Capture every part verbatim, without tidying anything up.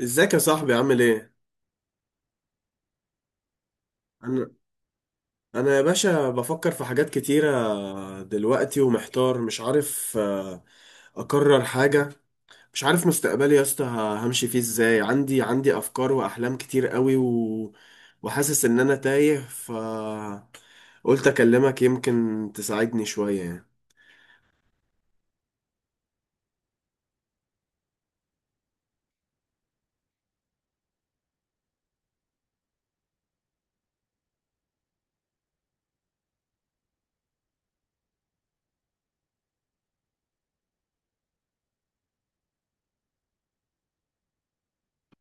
ازيك يا صاحبي، عامل ايه؟ انا انا يا باشا بفكر في حاجات كتيرة دلوقتي، ومحتار مش عارف آه، اقرر حاجة. مش عارف مستقبلي يا اسطى ه- همشي فيه ازاي. عندي عندي افكار واحلام كتير قوي، و... وحاسس ان انا تايه ف قلت اكلمك يمكن تساعدني شوية يعني.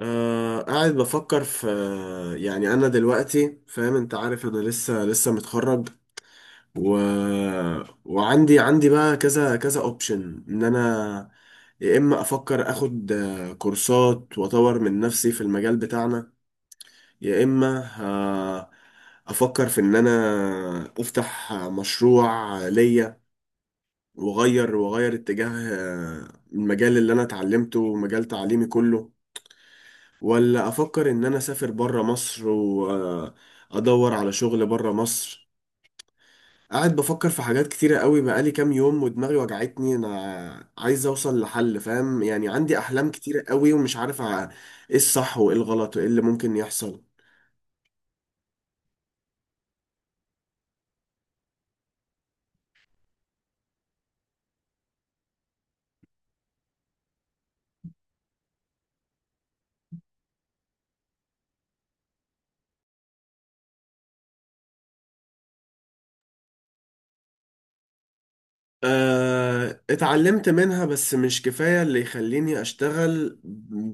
أه، قاعد بفكر في. يعني انا دلوقتي فاهم، انت عارف انا لسه لسه متخرج، و... وعندي عندي بقى كذا كذا اوبشن ان انا، يا اما افكر اخد آه، كورسات واطور من نفسي في المجال بتاعنا، يا اما آه، افكر في ان انا افتح مشروع ليا، واغير واغير اتجاه آه، المجال اللي انا اتعلمته ومجال تعليمي كله، ولا افكر ان انا اسافر بره مصر وادور على شغل بره مصر. قاعد بفكر في حاجات كتيرة قوي بقالي كام يوم، ودماغي وجعتني. انا عايز اوصل لحل، فاهم يعني؟ عندي احلام كتيرة قوي ومش عارف ع- ايه الصح وايه الغلط وايه اللي ممكن يحصل. آه، اتعلمت منها بس مش كفاية اللي يخليني اشتغل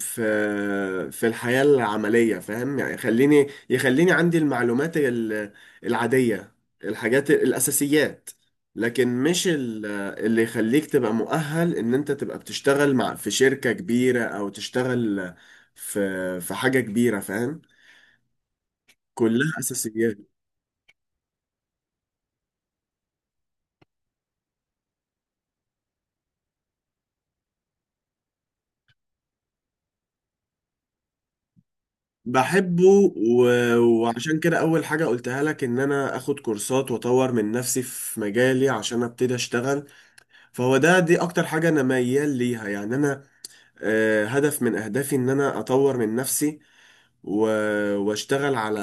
في في الحياة العملية، فاهم يعني؟ يخليني يخليني عندي المعلومات ال- العادية، الحاجات الأساسيات. لكن مش ال- اللي يخليك تبقى مؤهل ان انت تبقى بتشتغل مع في شركة كبيرة، او تشتغل في في حاجة كبيرة، فاهم؟ كلها أساسيات. بحبه، و- وعشان كده اول حاجة قلتها لك ان انا اخد كورسات واطور من نفسي في مجالي عشان ابتدي اشتغل. فهو ده دي اكتر حاجة انا ميال ليها. يعني انا آه، هدف من اهدافي ان انا اطور من نفسي، و- واشتغل على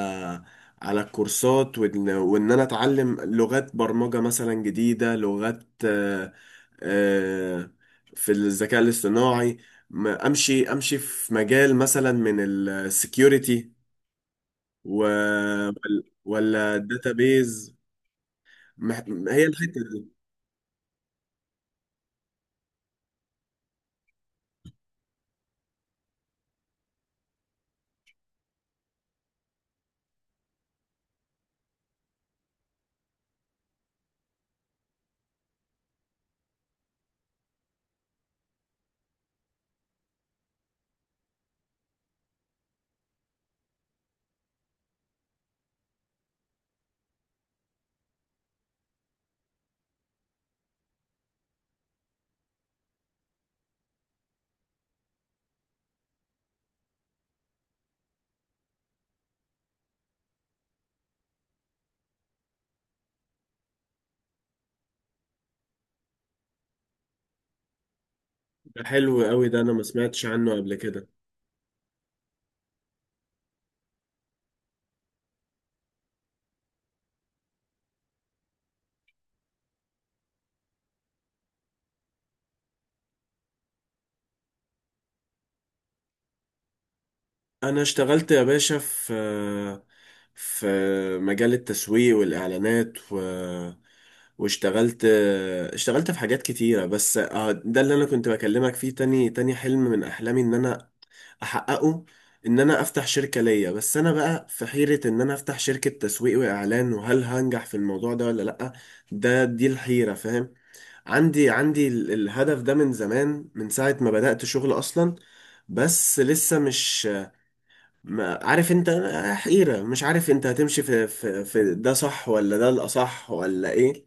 على الكورسات، وان وإن انا اتعلم لغات برمجة مثلا جديدة، لغات آه، آه، في الذكاء الاصطناعي. م- امشي امشي في مجال مثلا من السكيورتي، و... ولا الداتابيز. مح... هي الحتة دي. ده حلو قوي، ده انا ما سمعتش عنه قبل كده. انا اشتغلت يا باشا في في مجال التسويق والاعلانات، و... واشتغلت اشتغلت في حاجات كتيرة. بس اه، ده اللي انا كنت بكلمك فيه، تاني تاني حلم من احلامي ان انا احققه، ان انا افتح شركة ليا. بس انا بقى في حيرة ان انا افتح شركة تسويق واعلان، وهل هنجح في الموضوع ده ولا لأ. ده دي الحيرة، فاهم؟ عندي عندي ال- الهدف ده من زمان، من ساعة ما بدأت شغل أصلا، بس لسه مش، ما عارف انت، حيرة. مش عارف انت هتمشي في, في, في ده صح، ولا ده الأصح، ولا ايه.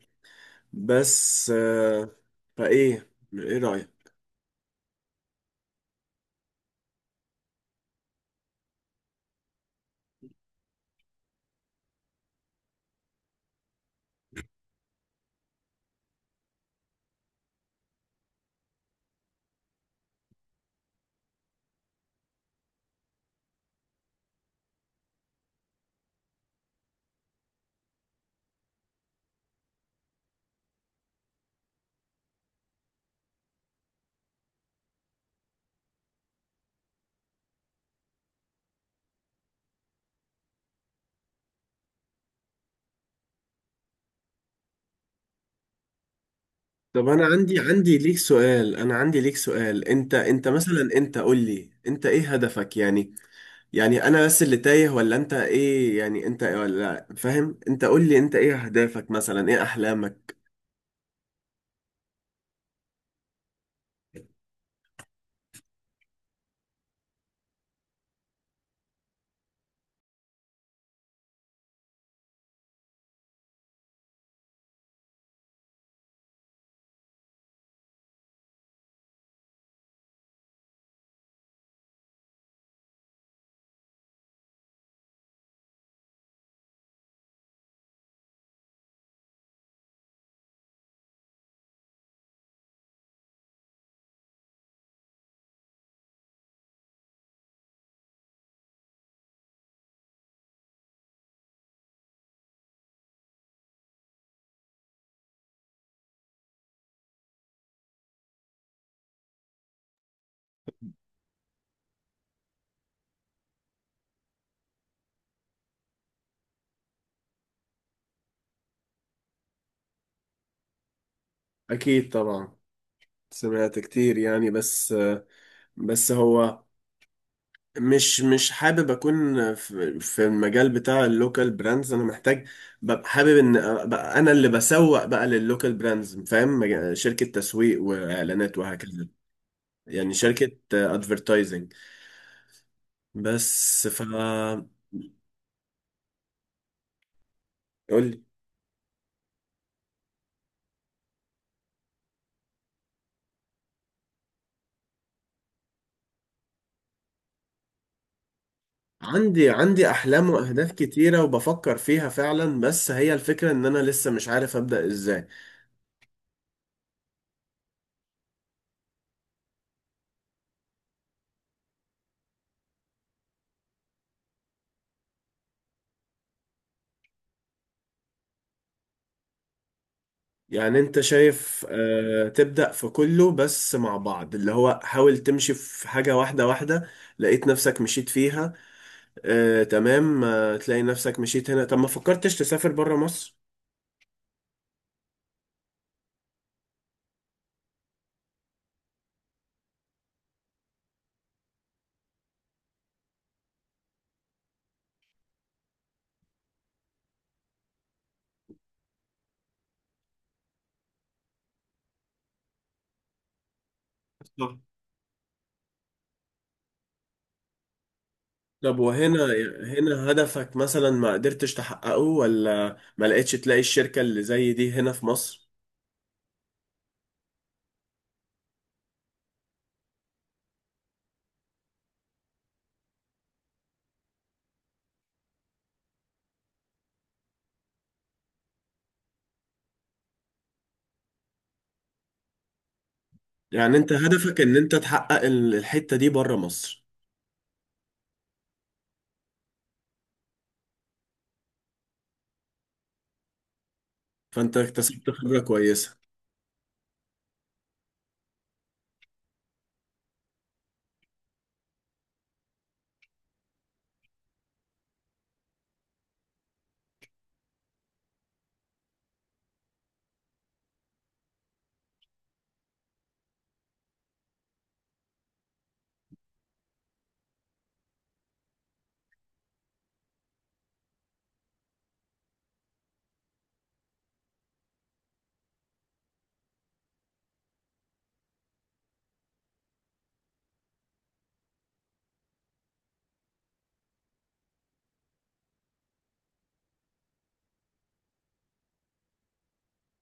بس آه، فايه، ايه رأيك؟ طب انا عندي عندي ليك سؤال، انا عندي ليك سؤال، انت انت مثلا، انت قول لي، انت ايه هدفك يعني؟ يعني انا بس اللي تايه، ولا انت ايه؟ يعني انت، ولا فاهم؟ انت قول لي، انت ايه اهدافك مثلا، ايه احلامك؟ أكيد طبعا، سمعت كتير يعني. بس، بس هو، مش مش حابب أكون في في المجال بتاع اللوكال براندز. أنا محتاج، ببقى حابب إن أبقى أنا اللي بسوق بقى لللوكال براندز، فاهم؟ مج- شركة تسويق وإعلانات، وهكذا. يعني شركة أدفرتايزنج. بس ف، قول لي. عندي عندي أحلام وأهداف كتيرة، وبفكر فيها فعلا. بس هي الفكرة، إن أنا لسه مش عارف أبدأ إزاي. يعني انت شايف آه، تبدأ في كله بس مع بعض، اللي هو حاول تمشي في حاجة واحدة واحدة، لقيت نفسك مشيت فيها؟ آه، تمام. آه، تلاقي نفسك مشيت هنا. طب ما فكرتش تسافر برا مصر؟ بالظبط. طب وهنا، هنا هدفك مثلا ما قدرتش تحققه، ولا ما لقيتش تلاقي الشركة اللي زي دي هنا في مصر؟ يعني انت هدفك ان انت تحقق ال- الحتة دي برا مصر. فانت اكتسبت خبرة كويسة.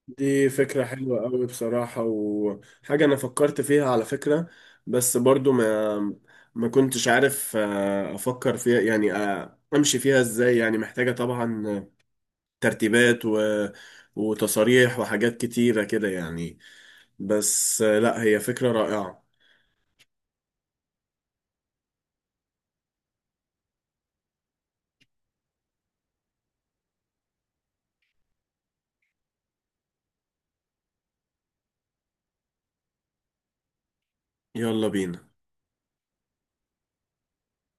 دي فكرة حلوة قوي بصراحة، وحاجة أنا فكرت فيها على فكرة. بس برضو ما ما كنتش عارف آه، أفكر فيها يعني، آه، أمشي فيها إزاي. يعني محتاجة طبعا ترتيبات، و... وتصاريح وحاجات كتيرة كده يعني. بس آه، لا، هي فكرة رائعة. يلا بينا.